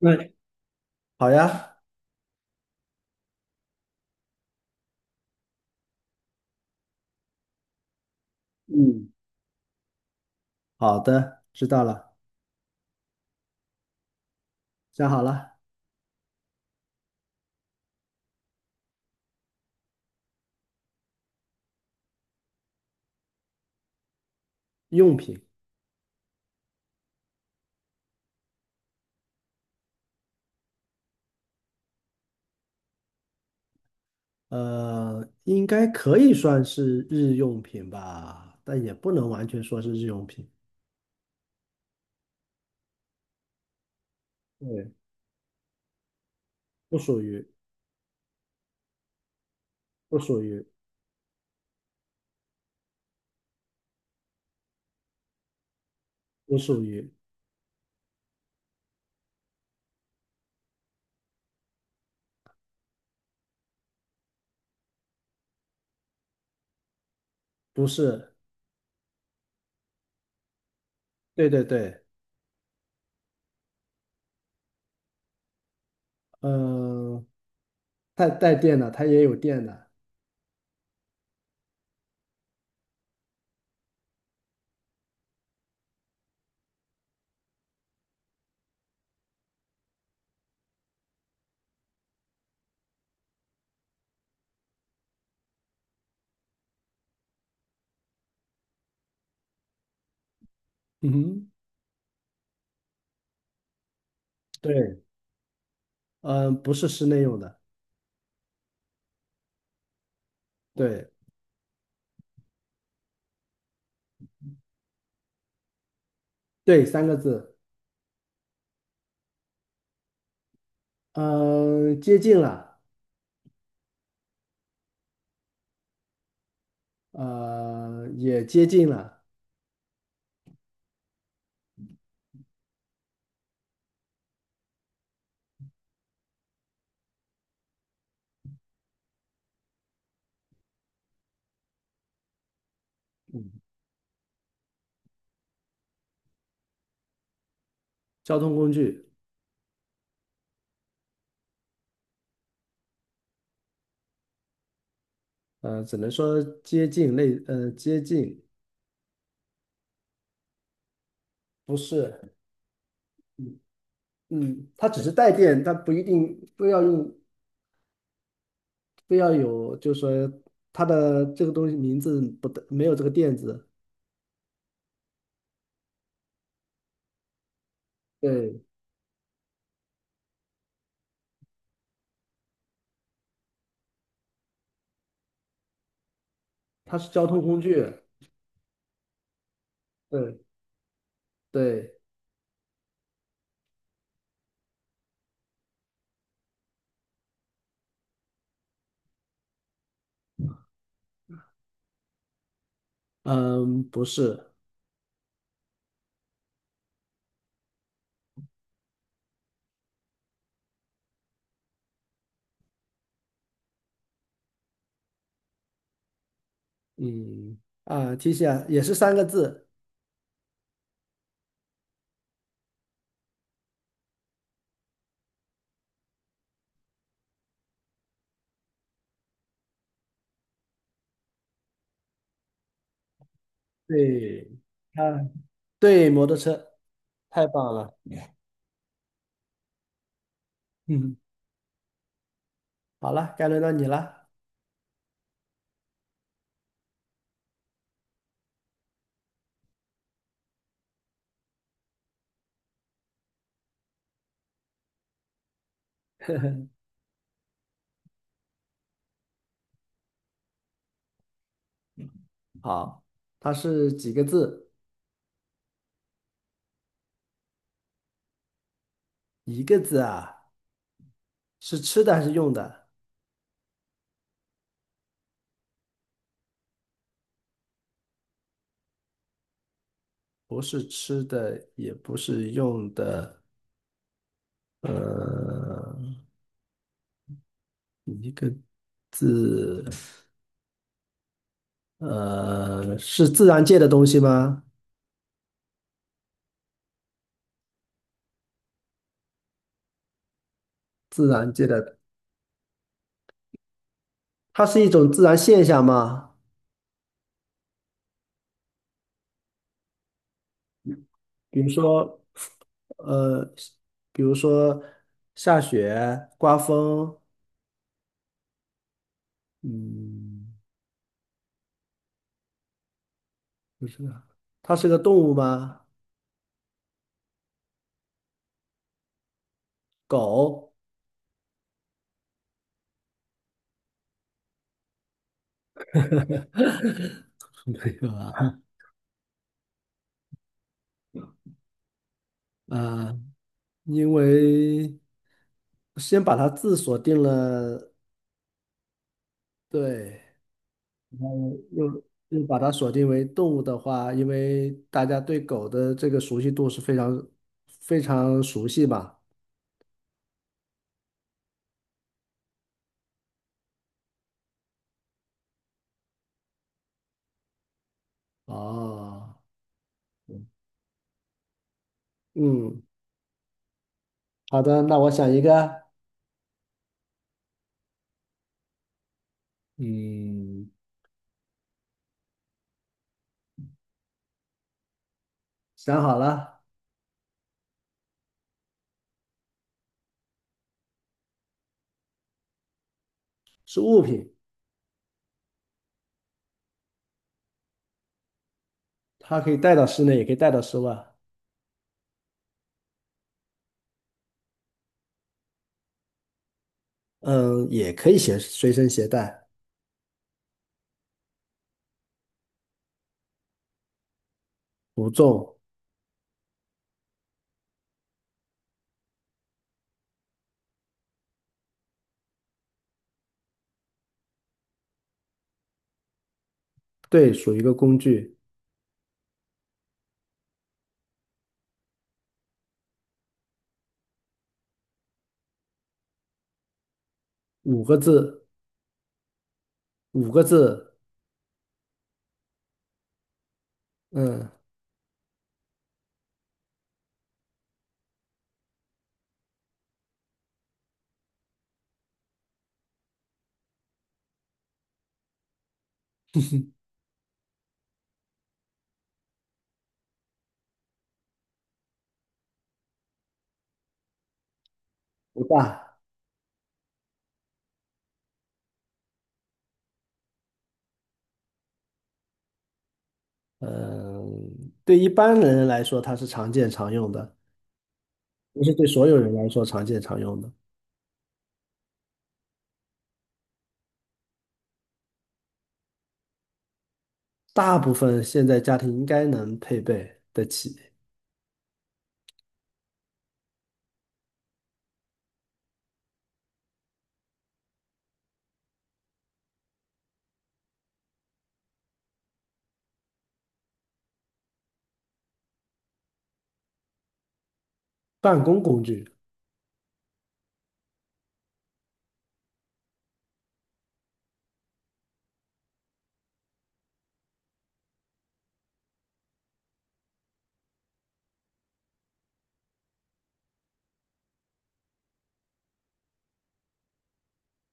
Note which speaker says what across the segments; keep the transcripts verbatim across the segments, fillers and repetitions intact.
Speaker 1: 那好呀，嗯，好的，知道了，想好了。用品，呃，应该可以算是日用品吧，但也不能完全说是日用品。对，不属于，不属于，不属于，不是，对对对，嗯、带带电的，它也有电的，嗯哼，对，嗯、不是室内用的，对对，三个字，嗯、接近了，呃，也接近了，嗯，交通工具，呃，只能说接近类，呃，接近不是，嗯，它只是带电，它不一定非要用，非要有，就是说它的这个东西名字不带，没有这个电字，对，它是交通工具，对对，嗯，不是，嗯啊，提醒啊，也是三个字，对，啊，对，摩托车，太棒了，嗯，好了，该轮到你了，好，它是几个字？一个字啊。是吃的还是用的？不是吃的，也不是用的。呃，一个字，呃，是自然界的东西吗？自然界的，它是一种自然现象吗？比如说，呃，比如说下雪、刮风，嗯，不是啊，它是个动物吗？狗？没有啊，啊，因为。先把它字锁定了，对，然后又又把它锁定为动物的话，因为大家对狗的这个熟悉度是非常非常熟悉吧？哦，嗯，好的，那我想一个，嗯，想好了，是物品，它可以带到室内，也可以带到室外，嗯，也可以携随身携带，不重，对，属于一个工具，五个字，五个字，嗯，不大。嗯，对一般人来说，它是常见常用的，不是对所有人来说常见常用的。大部分现在家庭应该能配备得起办公工具。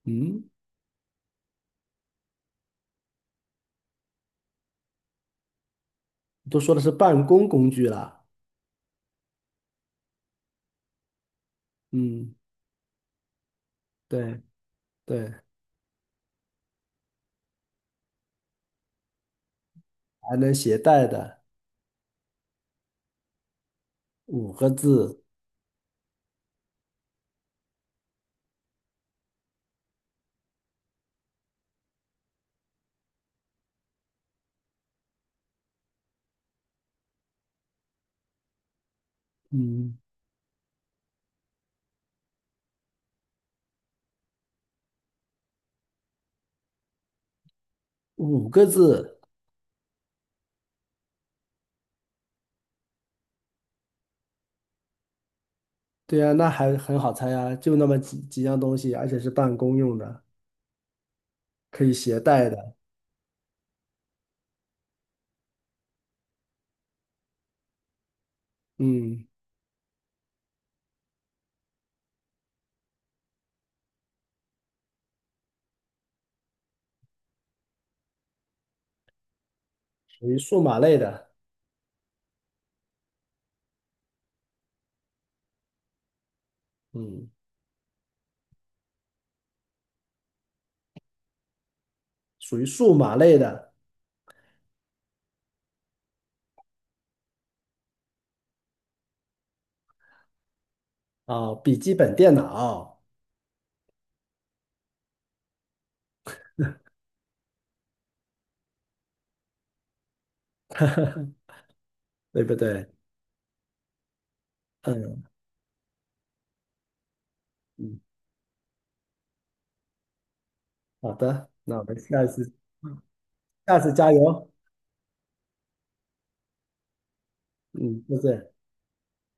Speaker 1: 嗯，都说的是办公工具啦。嗯，对对，还能携带的五个字。嗯，五个字。对啊，那还很好猜啊，就那么几几样东西，而且是办公用的，可以携带的。嗯，属于数码类的。嗯，属于数码类的。哦，笔记本电脑，对不对？嗯嗯，好的，那我们下一次下次加油。嗯，再见。